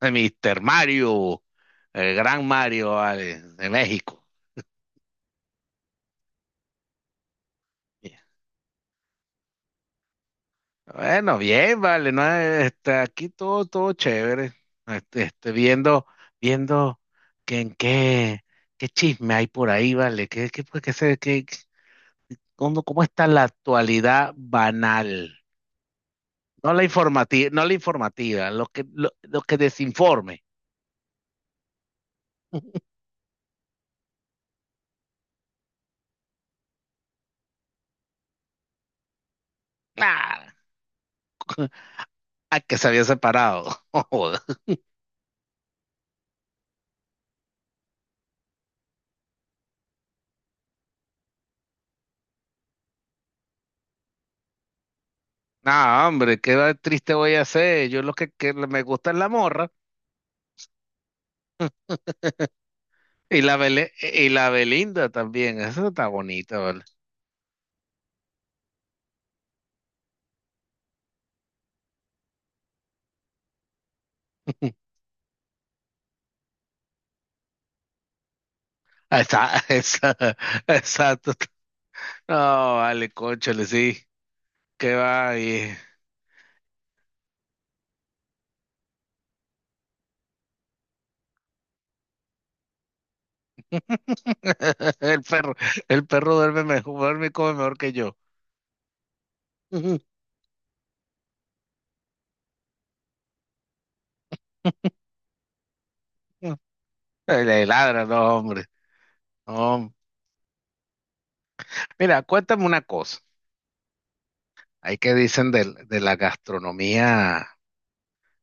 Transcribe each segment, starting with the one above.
Mister Mario, el gran Mario, vale, de México. Bien. Bueno, bien, vale, no, aquí todo chévere. Viendo, viendo que qué chisme hay por ahí, vale, pues, qué se- qué- qué- cómo está la actualidad banal. No la informativa, no la informativa, lo que, lo que desinforme. Claro, hay que se había separado. Ah, hombre, qué va- triste voy a ser. Yo lo que me gusta es la morra y la, Bele- y la Belinda también. Esa está bonita, ¿vale? Esa, exacto. No, vale, cónchale, sí. Qué va. Y... El perro, el perro duerme mejor, duerme y come mejor que yo. Le ladra, no, hombre. No. Mira, cuéntame una cosa. Hay que dicen del- de, la gastronomía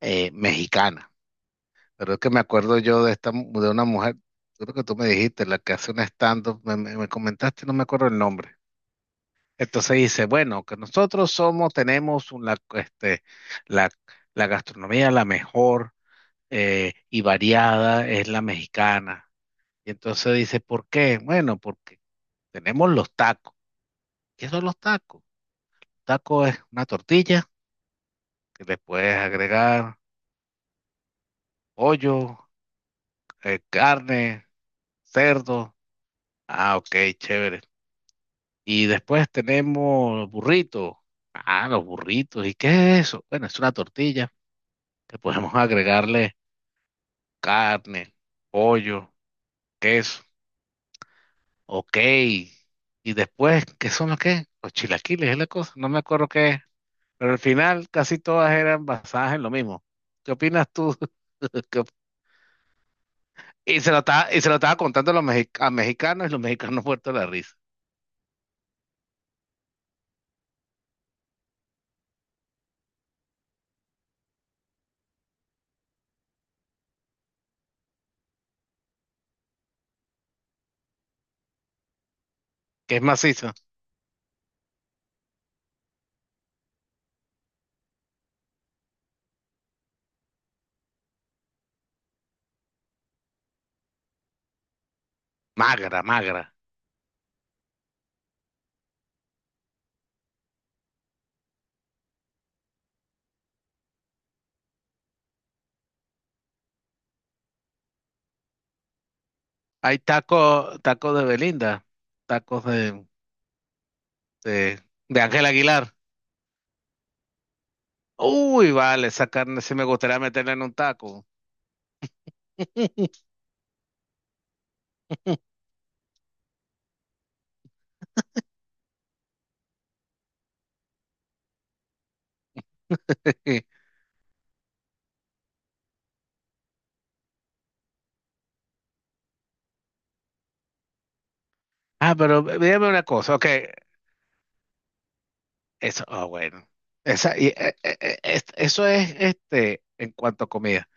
mexicana. Pero es que me acuerdo yo de esta, mu- de una mujer, creo que tú me dijiste, la que hace un stand-up, me- me comentaste, no me acuerdo el nombre. Entonces dice, bueno, que nosotros somos, tenemos una, la, la gastronomía la mejor y variada es la mexicana. Y entonces dice, ¿por qué? Bueno, porque tenemos los tacos. ¿Qué son los tacos? Taco es una tortilla que le puedes agregar pollo, carne, cerdo. Ah, ok, chévere. Y después tenemos burritos. Ah, los burritos. ¿Y qué es eso? Bueno, es una tortilla que podemos agregarle carne, pollo, queso. Ok. Y después, ¿qué son los que? Los chilaquiles es la cosa. No me acuerdo qué es. Pero al final casi todas eran basadas en lo mismo. ¿Qué opinas tú? ¿Qué op- Y se lo estaba, y se lo estaba contando a los mexi- a mexicanos y los mexicanos muertos de la risa. ¿Qué es macizo? Magra, magra. Hay tacos, tacos de Belinda, tacos de de, de Ángel Aguilar. Uy, vale, esa carne sí me gustaría meterla en un taco. Ah, pero dígame una cosa, ok, eso, ah, bueno, esa, y, es- eso es este en cuanto a comida,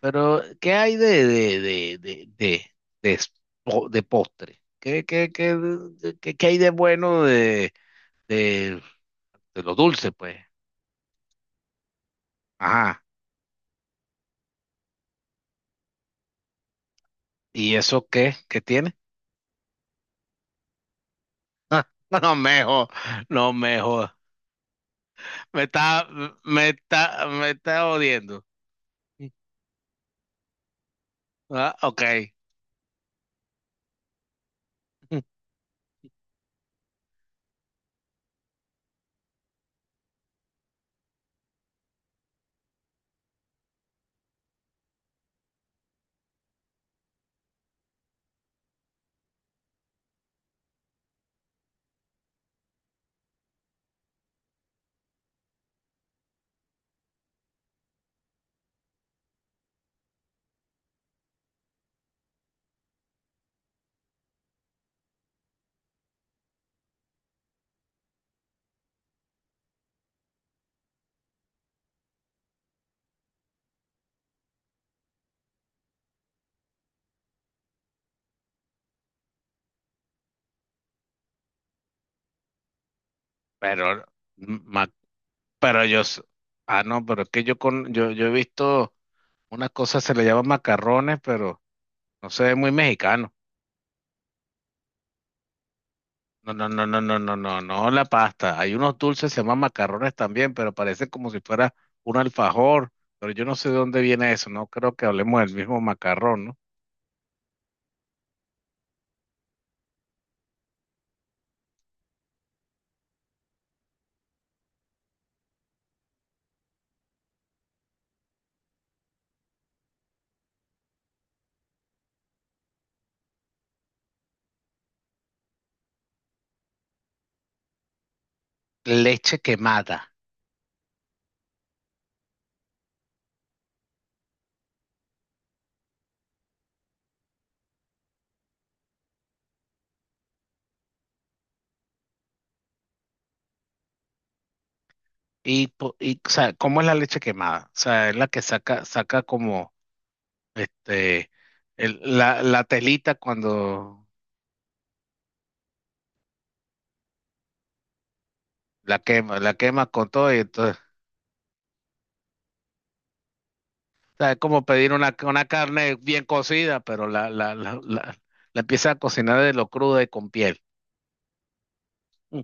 pero ¿qué hay de, de, s- po- de postre? ¿ de- qué- qué hay de bueno de, de, de lo dulce, pues? Ajá, ¿y eso qué? ¿Qué tiene? No, mejor no mejor. Me está, me está odiando. Ah, ok. Pero, ma- pero yo, s- ah, no, pero es que yo con, yo he visto unas cosas se le llaman macarrones, pero no se ve muy mexicano. No, la pasta. Hay unos dulces, se llaman macarrones también, pero parece como si fuera un alfajor, pero yo no sé de dónde viene eso, no creo que hablemos del mismo macarrón, ¿no? Leche quemada. Y, po- y, o sea, ¿cómo es la leche quemada? O sea, es la que saca, saca como este el- la telita cuando la quema con todo y entonces, o sea, es como pedir una carne bien cocida, pero la, la, la empieza a cocinar de lo cruda y con piel. Ujú.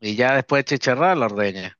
Y ya después de chicharrar la ordeña.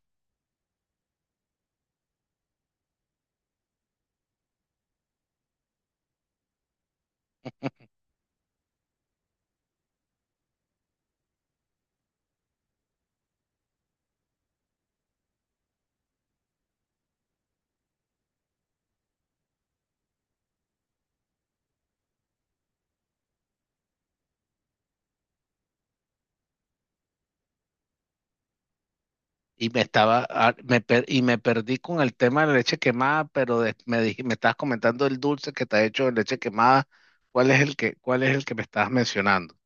Y me estaba, ah, me per- y me perdí con el tema de la leche quemada, pero de- me dij- me estabas comentando el dulce que está hecho de leche quemada. ¿Cuál es el que, cuál es el que me estabas mencionando?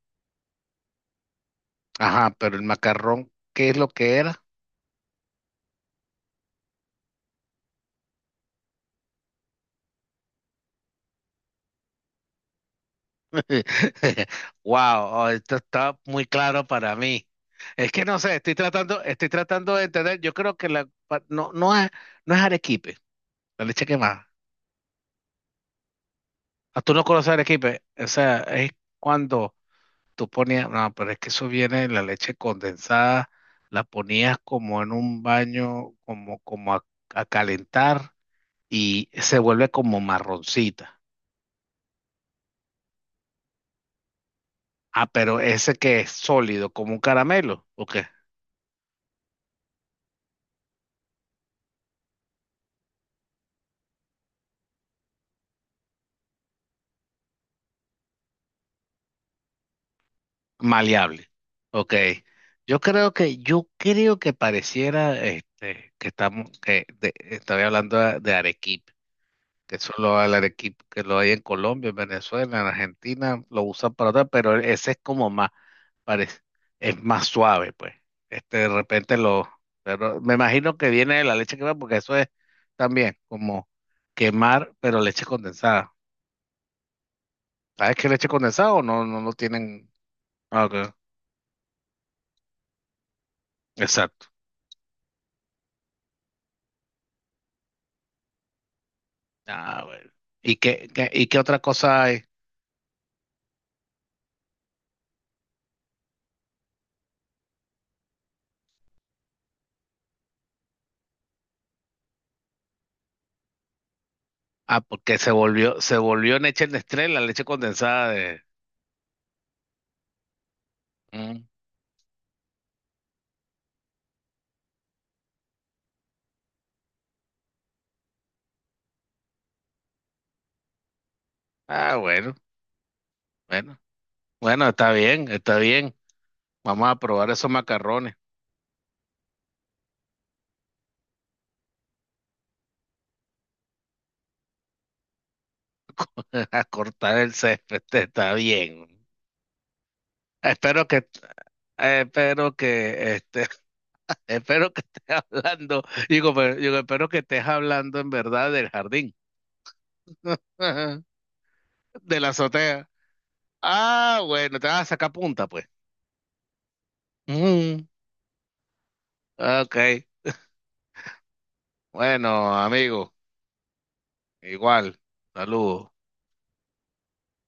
Ajá, pero el macarrón, ¿qué es lo que era? Wow, esto está muy claro para mí. Es que no sé, estoy tratando de entender. Yo creo que la pa- no, no es, no es arequipe, la leche quemada. Ah, tú no conoces arequipe, o sea, es cuando tú ponías, no, pero es que eso viene la leche condensada, la ponías como en un baño, como a calentar y se vuelve como marroncita. Ah, pero ese que es sólido, como un caramelo, ¿o qué? Maleable. Ok. Yo creo que pareciera que estamos, que de- estaría hablando de arequipe, que solo el arequipe que lo hay en Colombia, en Venezuela, en Argentina, lo usan para otra, pero ese es como más, parece, es más suave, pues. Este, de repente lo, pero me imagino que viene de la leche quemada, porque eso es también como quemar, pero leche condensada. Ah, es que leche condensada o no, no lo tienen. Ah, ok. Exacto. Ah, bueno. ¿Y qué qué otra cosa hay? Ah, porque se volvió leche Nestlé, la leche condensada de. Mm. Ah, bueno. Bueno, está bien, está bien. Vamos a probar esos macarrones. A cortar el césped, este, está bien. Espero que, espero que, este, espero que estés hablando, digo, pero- digo, espero que estés hablando en verdad del jardín, de la azotea. Ah, bueno, te vas a sacar punta, pues. Mm, ok. Bueno, amigo, igual. Saludos.